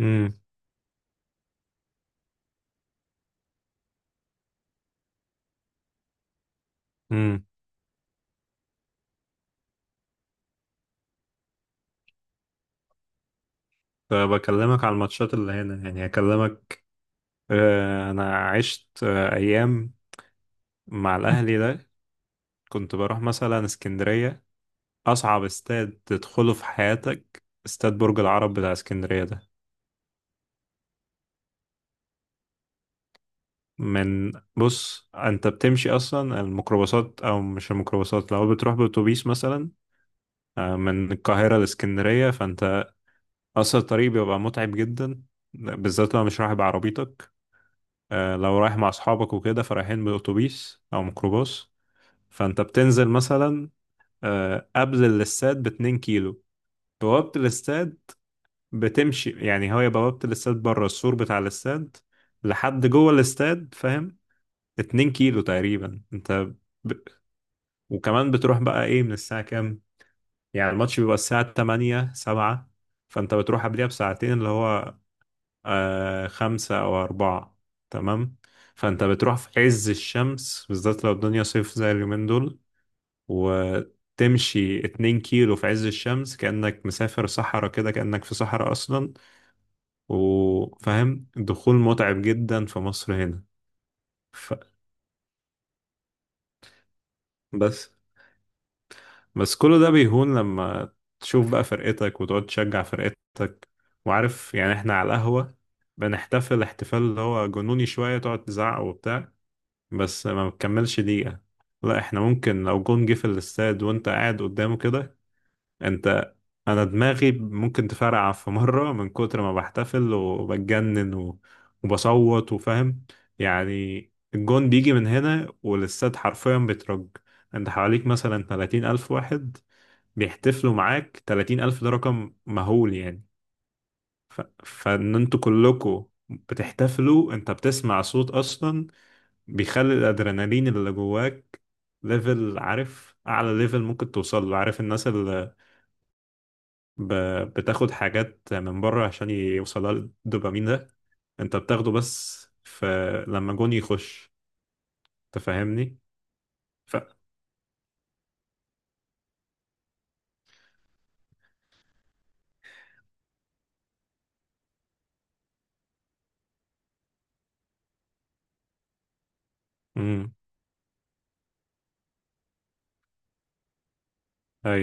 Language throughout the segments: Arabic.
امم امم بكلمك على الماتشات اللي هنا، يعني هكلمك. انا عشت ايام مع الاهلي ده. كنت بروح مثلا اسكندريه. اصعب استاد تدخله في حياتك استاد برج العرب بتاع اسكندريه ده. من بص، انت بتمشي اصلا الميكروباصات او مش الميكروباصات، لو بتروح باتوبيس مثلا من القاهره لاسكندريه، فانت اصلا الطريق بيبقى متعب جدا، بالذات لو مش رايح بعربيتك. لو رايح مع اصحابك وكده، فرايحين باتوبيس او ميكروباص. فانت بتنزل مثلا قبل الاستاد باتنين كيلو، بوابة الاستاد. بتمشي، يعني هي بوابة الاستاد بره السور بتاع الاستاد لحد جوه الاستاد، فاهم؟ اتنين كيلو تقريبا انت ب... وكمان بتروح بقى ايه من الساعة كام؟ يعني الماتش بيبقى الساعة تمانية سبعة، فانت بتروح قبلها بساعتين، اللي هو آه، خمسة أو أربعة، تمام؟ فأنت بتروح في عز الشمس، بالذات لو الدنيا صيف زي اليومين دول، وتمشي اتنين كيلو في عز الشمس، كأنك مسافر صحراء كده، كأنك في صحراء أصلا. وفاهم، دخول متعب جدا في مصر هنا. ف... بس بس كل ده بيهون لما تشوف بقى فرقتك وتقعد تشجع فرقتك. وعارف، يعني احنا على القهوة بنحتفل احتفال اللي هو جنوني شوية، تقعد تزعق وبتاع، بس ما بتكملش دقيقة. لا، احنا ممكن لو جون جه في الاستاد وانت قاعد قدامه كده، انت، انا دماغي ممكن تفرقع في مرة من كتر ما بحتفل وبتجنن و... وبصوت وفاهم يعني. الجون بيجي من هنا والاستاد حرفيا بيترج. انت حواليك مثلا 30 ألف واحد بيحتفلوا معاك، 30 ألف ده رقم مهول يعني. فان انتوا كلكوا بتحتفلوا انت بتسمع صوت اصلا. بيخلي الادرينالين اللي جواك ليفل، عارف؟ اعلى ليفل ممكن توصل له. عارف الناس اللي ب... بتاخد حاجات من بره عشان يوصلها الدوبامين ده؟ انت بتاخده بس لما جون يخش، تفهمني؟ ف امم اي.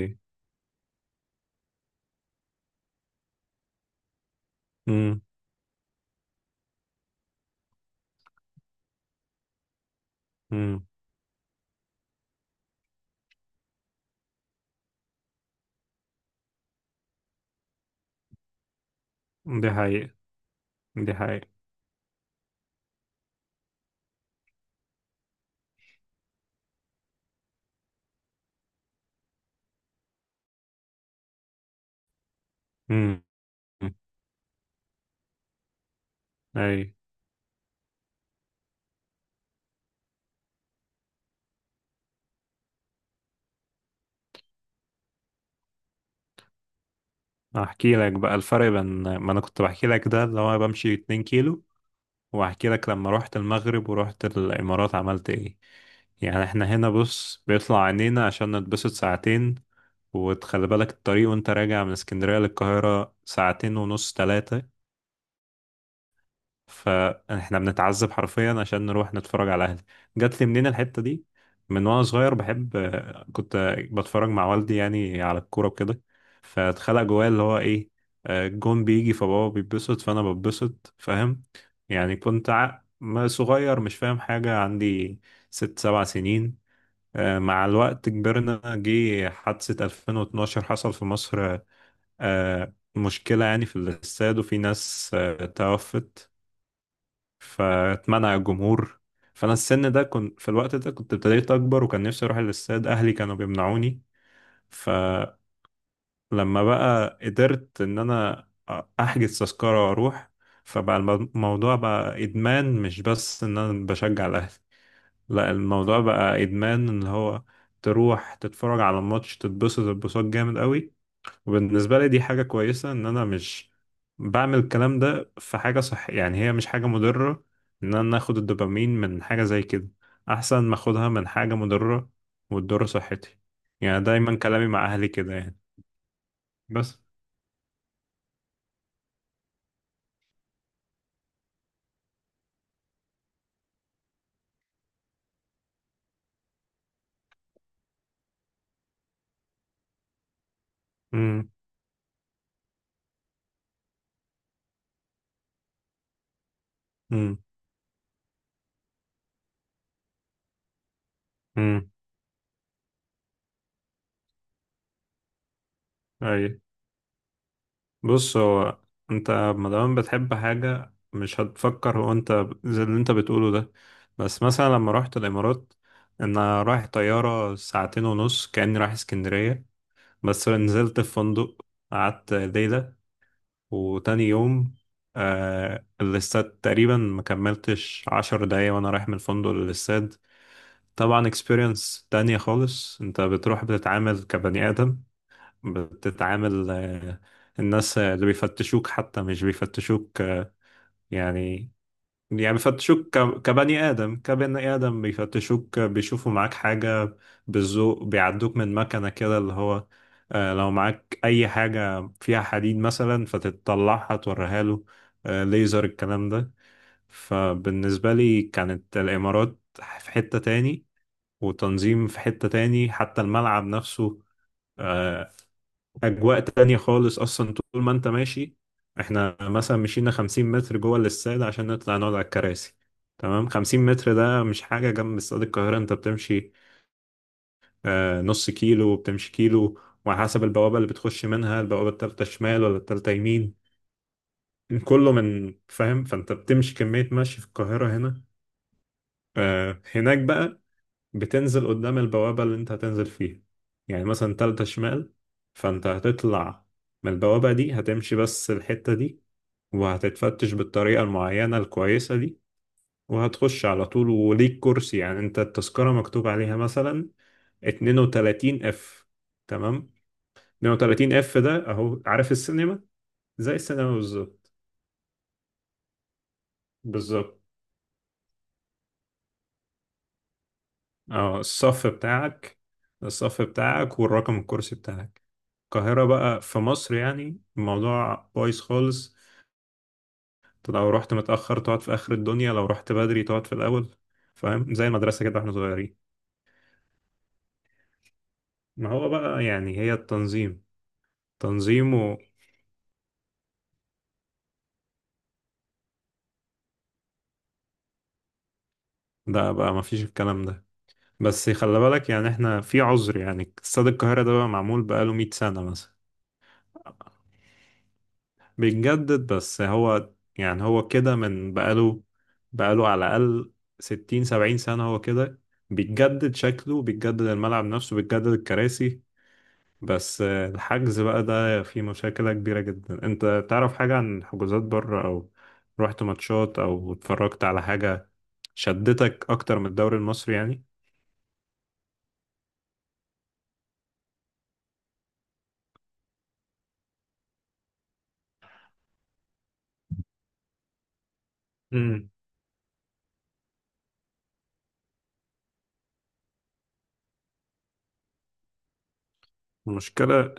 امم امم دي حقيقة. دي حقيقة. امم اي. احكي لك بقى الفرق بين، ما انا كنت بحكي لك ده اللي هو بمشي 2 كيلو، وهحكي لك لما رحت المغرب ورحت الإمارات عملت إيه. يعني إحنا هنا بص بيطلع عينينا عشان نتبسط ساعتين، وتخلي بالك الطريق وأنت راجع من اسكندرية للقاهرة ساعتين ونص تلاتة. فاحنا بنتعذب حرفيا عشان نروح نتفرج على اهلي. جات لي منين الحتة دي؟ من وانا صغير بحب، كنت بتفرج مع والدي يعني على الكورة وكده، فاتخلق جوايا اللي هو ايه. الجون بيجي فبابا بيتبسط فانا بتبسط، فاهم يعني؟ كنت ما صغير مش فاهم حاجة، عندي ست سبع سنين. مع الوقت كبرنا، جه حادثة 2012، حصل في مصر مشكلة يعني في الاستاد، وفي ناس توفت. فاتمنع الجمهور. فانا السن ده، كنت في الوقت ده كنت ابتديت اكبر وكان نفسي اروح الاستاد، اهلي كانوا بيمنعوني. فلما بقى قدرت ان انا احجز تذكرة واروح، فبقى الموضوع بقى ادمان، مش بس ان انا بشجع الاهلي، لا الموضوع بقى ادمان، اللي هو تروح تتفرج على الماتش تتبسط اتبساط جامد قوي. وبالنسبة لي دي حاجة كويسة، إن أنا مش بعمل الكلام ده في حاجة صح، يعني هي مش حاجة مضرة. إن أنا آخد الدوبامين من حاجة زي كده، أحسن ما آخدها من حاجة مضرة وتضر صحتي. يعني دايما كلامي مع أهلي كده يعني. بس. مم. مم. مم. أي. بص، هو أنت مادام بتحب حاجة مش هتفكر، هو أنت زي اللي أنت بتقوله ده. بس مثلا لما رحت الإمارات، أنا رايح طيارة ساعتين ونص كأني رايح اسكندرية، بس نزلت في فندق، قعدت ليلة، وتاني يوم آه الاستاد تقريبا ما كملتش عشر دقايق وانا رايح من الفندق للاستاد. طبعا experience تانية خالص. انت بتروح بتتعامل كبني آدم، بتتعامل آه، الناس اللي بيفتشوك حتى مش بيفتشوك آه يعني، بيفتشوك كبني آدم، كبني آدم بيفتشوك، بيشوفوا معاك حاجة بالذوق، بيعدوك من مكنة كده اللي هو لو معاك أي حاجة فيها حديد مثلا فتطلعها توريها له، ليزر الكلام ده. فبالنسبة لي كانت الإمارات في حتة تاني، وتنظيم في حتة تاني، حتى الملعب نفسه آه، اجواء تانية خالص. اصلا طول ما انت ماشي، احنا مثلا مشينا 50 متر جوه الاستاد عشان نطلع نقعد على الكراسي، تمام؟ 50 متر ده مش حاجة جنب استاد القاهرة. انت بتمشي نص كيلو وبتمشي كيلو، وعلى حسب البوابة اللي بتخش منها، البوابة التالتة شمال ولا التالتة يمين، كله من، فاهم؟ فانت بتمشي كمية مشي في القاهرة هنا. هناك بقى بتنزل قدام البوابة اللي انت هتنزل فيها، يعني مثلا تالتة شمال، فانت هتطلع من البوابة دي، هتمشي بس الحتة دي، وهتتفتش بالطريقة المعينة الكويسة دي، وهتخش على طول وليك كرسي. يعني انت التذكرة مكتوب عليها مثلا 32 اف، تمام؟ 32 اف ده اهو، عارف السينما؟ زي السينما بالظبط. بالظبط. اه الصف بتاعك. الصف بتاعك والرقم الكرسي بتاعك. القاهرة بقى، في مصر يعني الموضوع بايظ خالص. انت لو رحت متأخر تقعد في آخر الدنيا، لو رحت بدري تقعد في الأول، فاهم؟ زي المدرسة كده واحنا صغيرين. ما هو بقى يعني هي التنظيم، تنظيم و... ده بقى ما فيش الكلام ده. بس خلي بالك يعني احنا في عذر، يعني استاد القاهرة ده بقى معمول بقاله 100 سنة مثلا. بيتجدد، بس هو يعني هو كده. من بقاله، بقاله على الأقل ستين سبعين سنة، هو كده. بيتجدد شكله، بيتجدد الملعب نفسه، بيتجدد الكراسي، بس الحجز بقى ده فيه مشاكل كبيرة جدا. انت تعرف حاجة عن حجوزات بره؟ او رحت ماتشات او اتفرجت على حاجة شدتك اكتر من الدوري المصري يعني؟ امم المشكلة،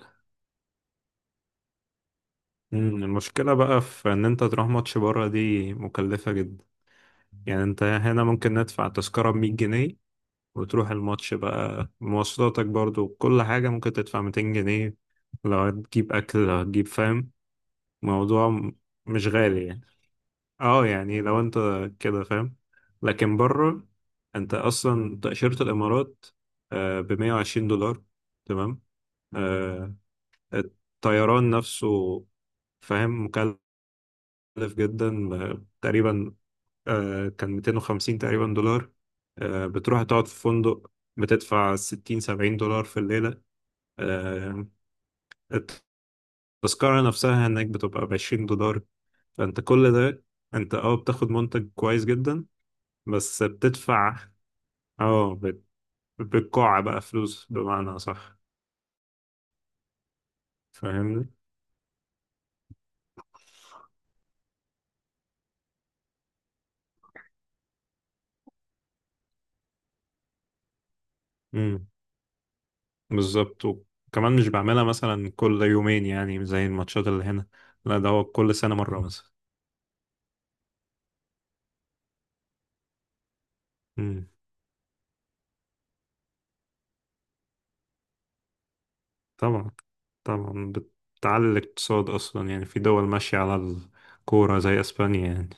مم، المشكلة بقى في ان انت تروح ماتش بره دي مكلفة جدا. يعني انت هنا ممكن ندفع تذكرة بمية جنيه، وتروح الماتش بقى مواصلاتك برضو كل حاجة ممكن تدفع ميتين جنيه، لو هتجيب أكل لو هتجيب، فاهم؟ موضوع مش غالي يعني. اه يعني لو انت كده، فاهم؟ لكن بره، انت أصلا تأشيرة الإمارات بمية وعشرين دولار، تمام؟ آه، الطيران نفسه فاهم، مكلف جدا، تقريبا كان 250 تقريبا دولار. بتروح تقعد في فندق بتدفع 60 70 دولار في الليلة. آه، التذكرة نفسها هناك بتبقى ب 20 دولار. فأنت كل ده، أنت أه بتاخد منتج كويس جدا، بس بتدفع أه بالقاع بقى فلوس بمعنى، صح؟ فاهمني؟ امم بالظبط. وكمان مش بعملها مثلا كل يومين يعني زي الماتشات اللي هنا، لا ده هو كل سنة مرة مثلا. طبعا، طبعا. بتعلي الاقتصاد اصلا يعني. في دول ماشية على الكورة زي اسبانيا يعني.